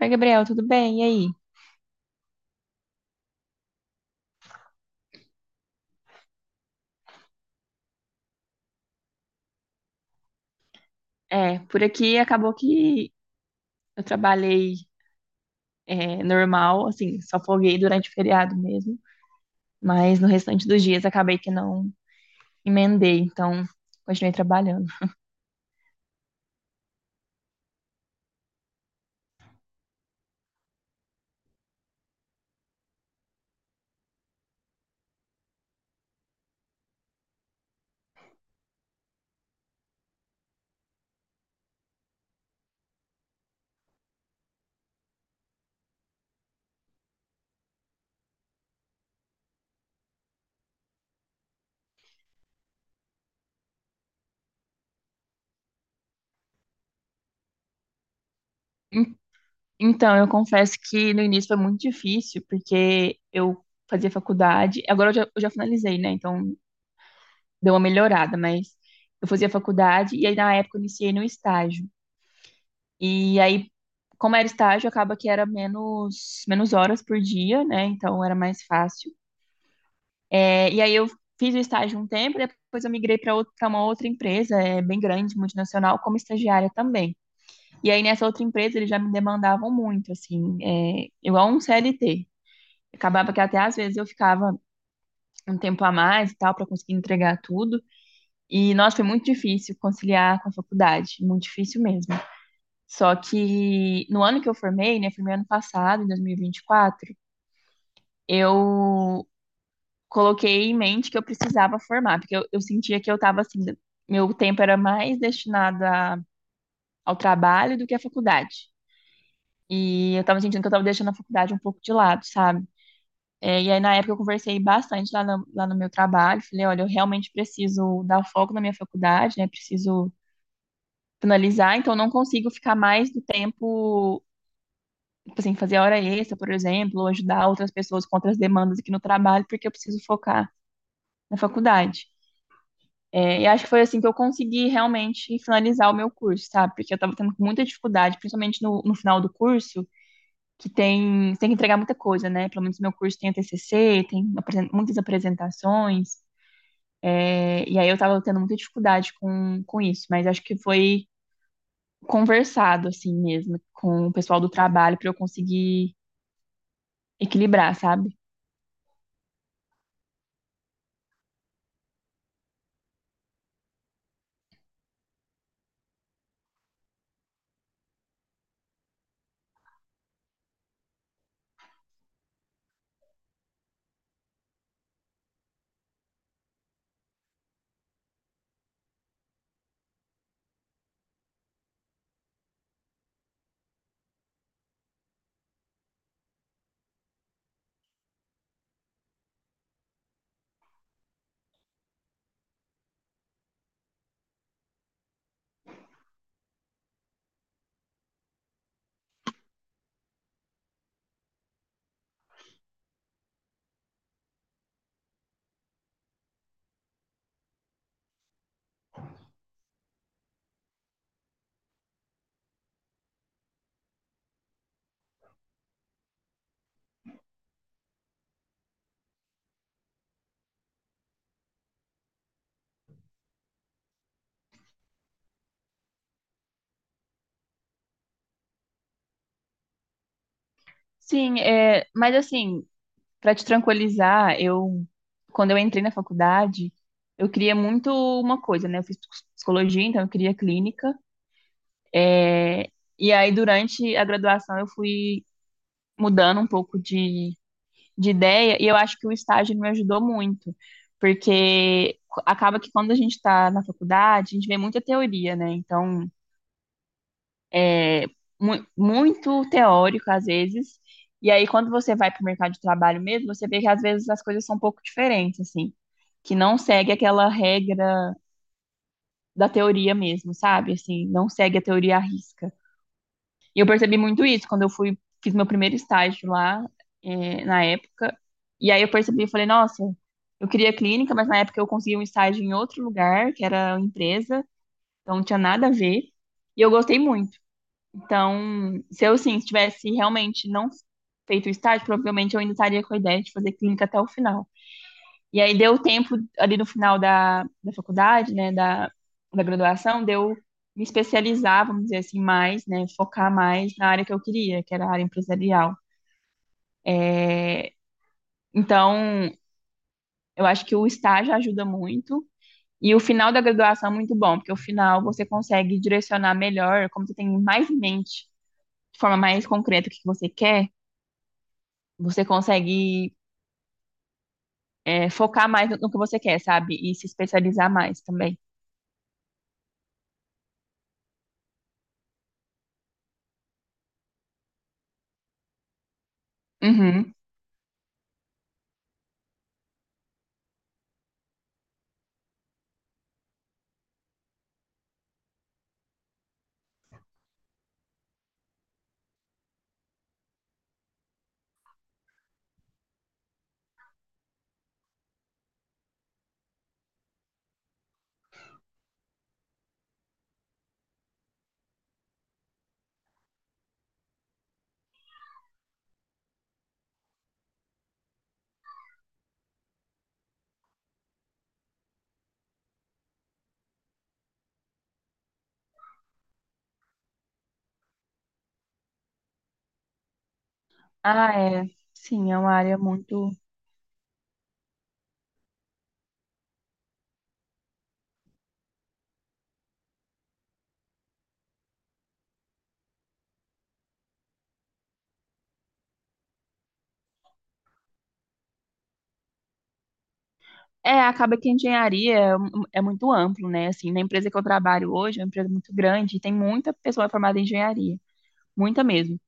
Oi, Gabriel, tudo bem? E aí? Por aqui acabou que eu trabalhei normal, assim, só folguei durante o feriado mesmo, mas no restante dos dias acabei que não emendei, então continuei trabalhando. En- Então, eu confesso que no início foi muito difícil, porque eu fazia faculdade, agora eu já finalizei, né? Então deu uma melhorada, mas eu fazia faculdade e aí na época eu iniciei no estágio. E aí, como era estágio, acaba que era menos horas por dia, né? Então era mais fácil. E aí eu fiz o estágio um tempo, depois eu migrei para uma outra empresa, bem grande, multinacional, como estagiária também. E aí nessa outra empresa eles já me demandavam muito, assim, igual um CLT. Acabava que até às vezes eu ficava um tempo a mais e tal, para conseguir entregar tudo. E, nossa, foi muito difícil conciliar com a faculdade, muito difícil mesmo. Só que no ano que eu formei, né, formei ano passado, em dois mil e vinte e quatro, eu coloquei em mente que eu precisava formar, porque eu sentia que eu estava assim, meu tempo era mais destinado ao trabalho do que à faculdade. E eu estava sentindo que eu estava deixando a faculdade um pouco de lado, sabe? E aí, na época, eu conversei bastante lá no meu trabalho. Falei, olha, eu realmente preciso dar foco na minha faculdade, né? Preciso finalizar, então eu não consigo ficar mais do tempo tipo assim, fazer hora extra, por exemplo, ou ajudar outras pessoas com outras demandas aqui no trabalho, porque eu preciso focar na faculdade. E acho que foi assim que eu consegui realmente finalizar o meu curso, sabe? Porque eu estava tendo muita dificuldade, principalmente no final do curso, que tem, você tem que entregar muita coisa, né? Pelo menos meu curso tem a TCC, tem muitas apresentações, e aí eu estava tendo muita dificuldade com isso, mas acho que foi conversado, assim mesmo, com o pessoal do trabalho para eu conseguir equilibrar, sabe? Sim, é, mas assim, para te tranquilizar, eu quando eu entrei na faculdade, eu queria muito uma coisa, né? Eu fiz psicologia, então eu queria clínica. É, E aí durante a graduação eu fui mudando um pouco de ideia e eu acho que o estágio me ajudou muito, porque acaba que quando a gente está na faculdade, a gente vê muita teoria, né? É, Muito teórico às vezes. E aí, quando você vai para o mercado de trabalho mesmo, você vê que às vezes as coisas são um pouco diferentes, assim, que não segue aquela regra da teoria mesmo, sabe? Assim, não segue a teoria à risca. E eu percebi muito isso quando fiz meu primeiro estágio lá, na época. E aí eu percebi e falei, nossa, eu queria clínica, mas na época eu consegui um estágio em outro lugar, que era uma empresa, então não tinha nada a ver. E eu gostei muito. Então, se eu, sim, tivesse realmente não feito o estágio, provavelmente eu ainda estaria com a ideia de fazer clínica até o final. E aí deu tempo ali no final da faculdade, né, da graduação, deu me especializar, vamos dizer assim, mais, né, focar mais na área que eu queria, que era a área empresarial. É, então, eu acho que o estágio ajuda muito e o final da graduação é muito bom, porque o final você consegue direcionar melhor, como você tem mais em mente, de forma mais concreta o que você quer. Você consegue, é, focar mais no que você quer, sabe? E se especializar mais também. Uhum. Ah, é. Sim, é uma área muito. É, acaba que a engenharia é muito amplo, né? Assim, na empresa que eu trabalho hoje, é uma empresa muito grande, e tem muita pessoa formada em engenharia, muita mesmo.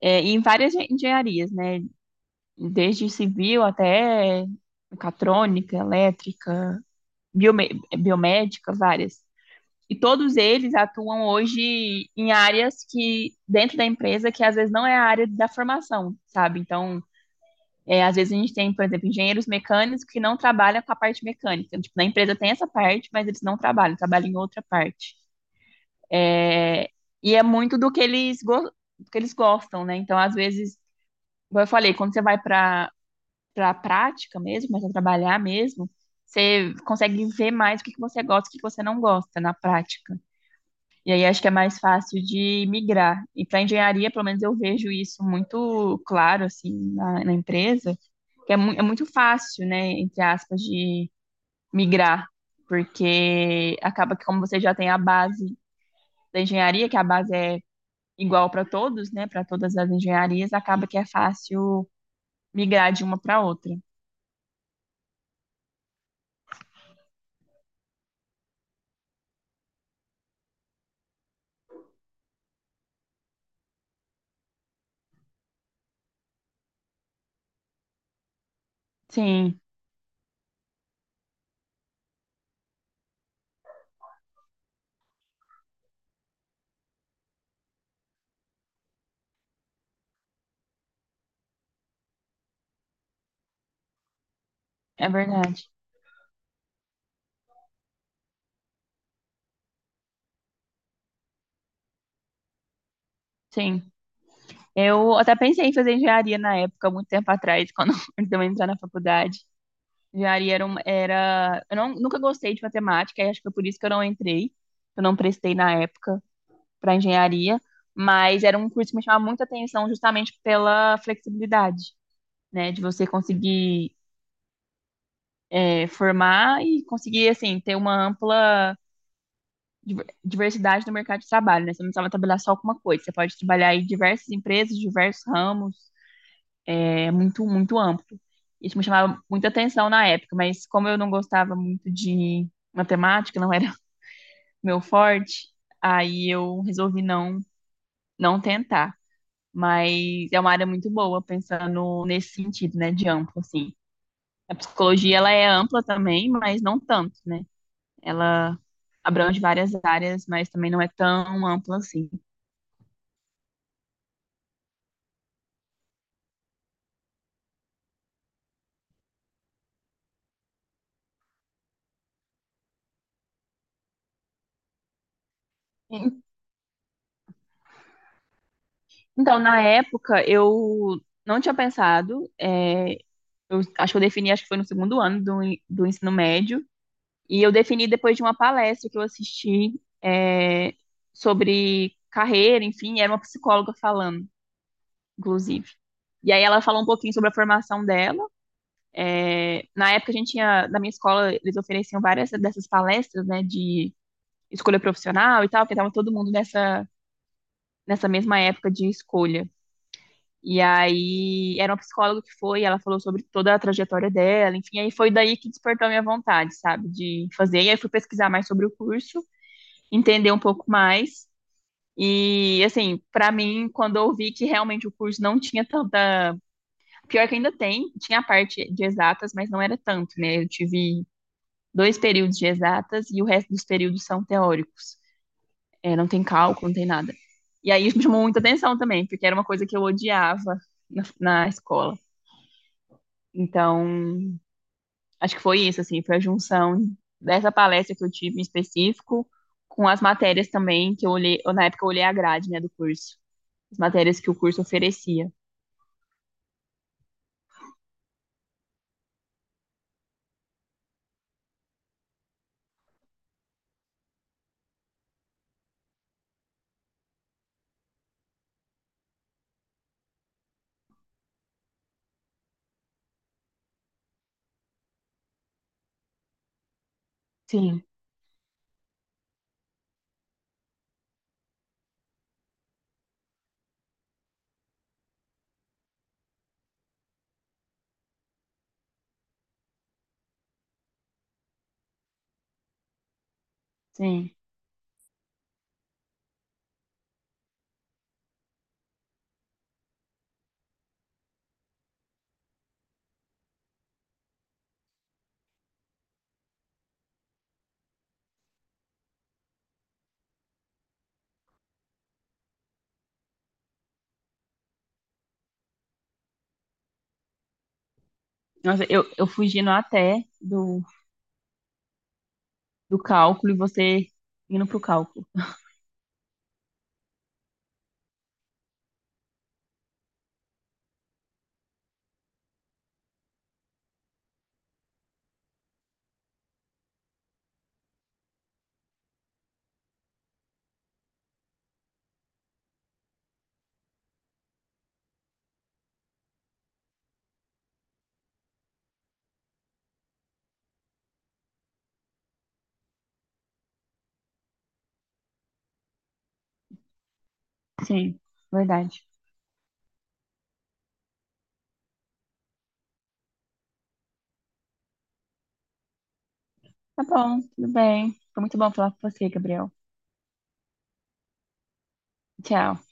É, e em engenharias, né? Desde civil até mecatrônica, elétrica, biomédica, várias. E todos eles atuam hoje em áreas que, dentro da empresa, que às vezes não é a área da formação, sabe? Então, às vezes a gente tem, por exemplo, engenheiros mecânicos que não trabalham com a parte mecânica. Tipo, na empresa tem essa parte, mas eles não trabalham em outra parte. É, e é muito do que eles, go do que eles gostam, né? Então, às vezes, como eu falei, quando você vai para a prática mesmo, começa a trabalhar mesmo, você consegue ver mais o que você gosta e o que você não gosta na prática. E aí acho que é mais fácil de migrar. E para engenharia, pelo menos eu vejo isso muito claro assim na empresa, que é, mu é muito fácil, né, entre aspas, de migrar, porque acaba que como você já tem a base da engenharia, que a base é igual para todos, né, para todas as engenharias, acaba que é fácil migrar de uma para outra. Sim, é verdade. Sim. Eu até pensei em fazer engenharia na época, muito tempo atrás, quando antes de eu entrar na faculdade. Engenharia era, um- era... Eu nunca gostei de matemática, e acho que foi por isso que eu não entrei. Eu não prestei na época para engenharia, mas era um curso que me chamava muita atenção justamente pela flexibilidade, né? De você conseguir formar e conseguir, assim, ter uma ampla diversidade no mercado de trabalho, né? Você não precisava trabalhar só com uma coisa, você pode trabalhar em diversas empresas, diversos ramos, é muito, muito amplo. Isso me chamava muita atenção na época, mas como eu não gostava muito de matemática, não era meu forte, aí eu resolvi não tentar. Mas é uma área muito boa, pensando nesse sentido, né, de amplo, assim. A psicologia, ela é ampla também, mas não tanto, né? Ela abrange várias áreas, mas também não é tão ampla assim. Então, na época, eu não tinha pensado, é, eu acho que eu defini, acho que foi no segundo ano do ensino médio. E eu defini depois de uma palestra que eu assisti sobre carreira, enfim, era uma psicóloga falando, inclusive. E aí ela falou um pouquinho sobre a formação dela. É, na época a gente tinha, na minha escola, eles ofereciam várias dessas palestras, né, de escolha profissional e tal, porque estava todo mundo nessa mesma época de escolha. E aí era uma psicóloga que foi, ela falou sobre toda a trajetória dela, enfim, aí foi daí que despertou a minha vontade, sabe, de fazer. E aí fui pesquisar mais sobre o curso, entender um pouco mais. E, assim, para mim, quando eu vi que realmente o curso não tinha tanta. Pior que ainda tem, tinha a parte de exatas, mas não era tanto, né? Eu tive dois períodos de exatas e o resto dos períodos são teóricos. É, não tem cálculo, não tem nada. E aí isso me chamou muita atenção também, porque era uma coisa que eu odiava na escola. Então, acho que foi isso, assim, foi a junção dessa palestra que eu tive em específico com as matérias também que eu olhei, eu, na época eu olhei a grade, né, do curso, as matérias que o curso oferecia. Sim, sim. Nossa, eu fugindo até do cálculo e você indo pro cálculo. Sim, verdade. Tá bom, tudo bem. Foi muito bom falar com você, Gabriel. Tchau.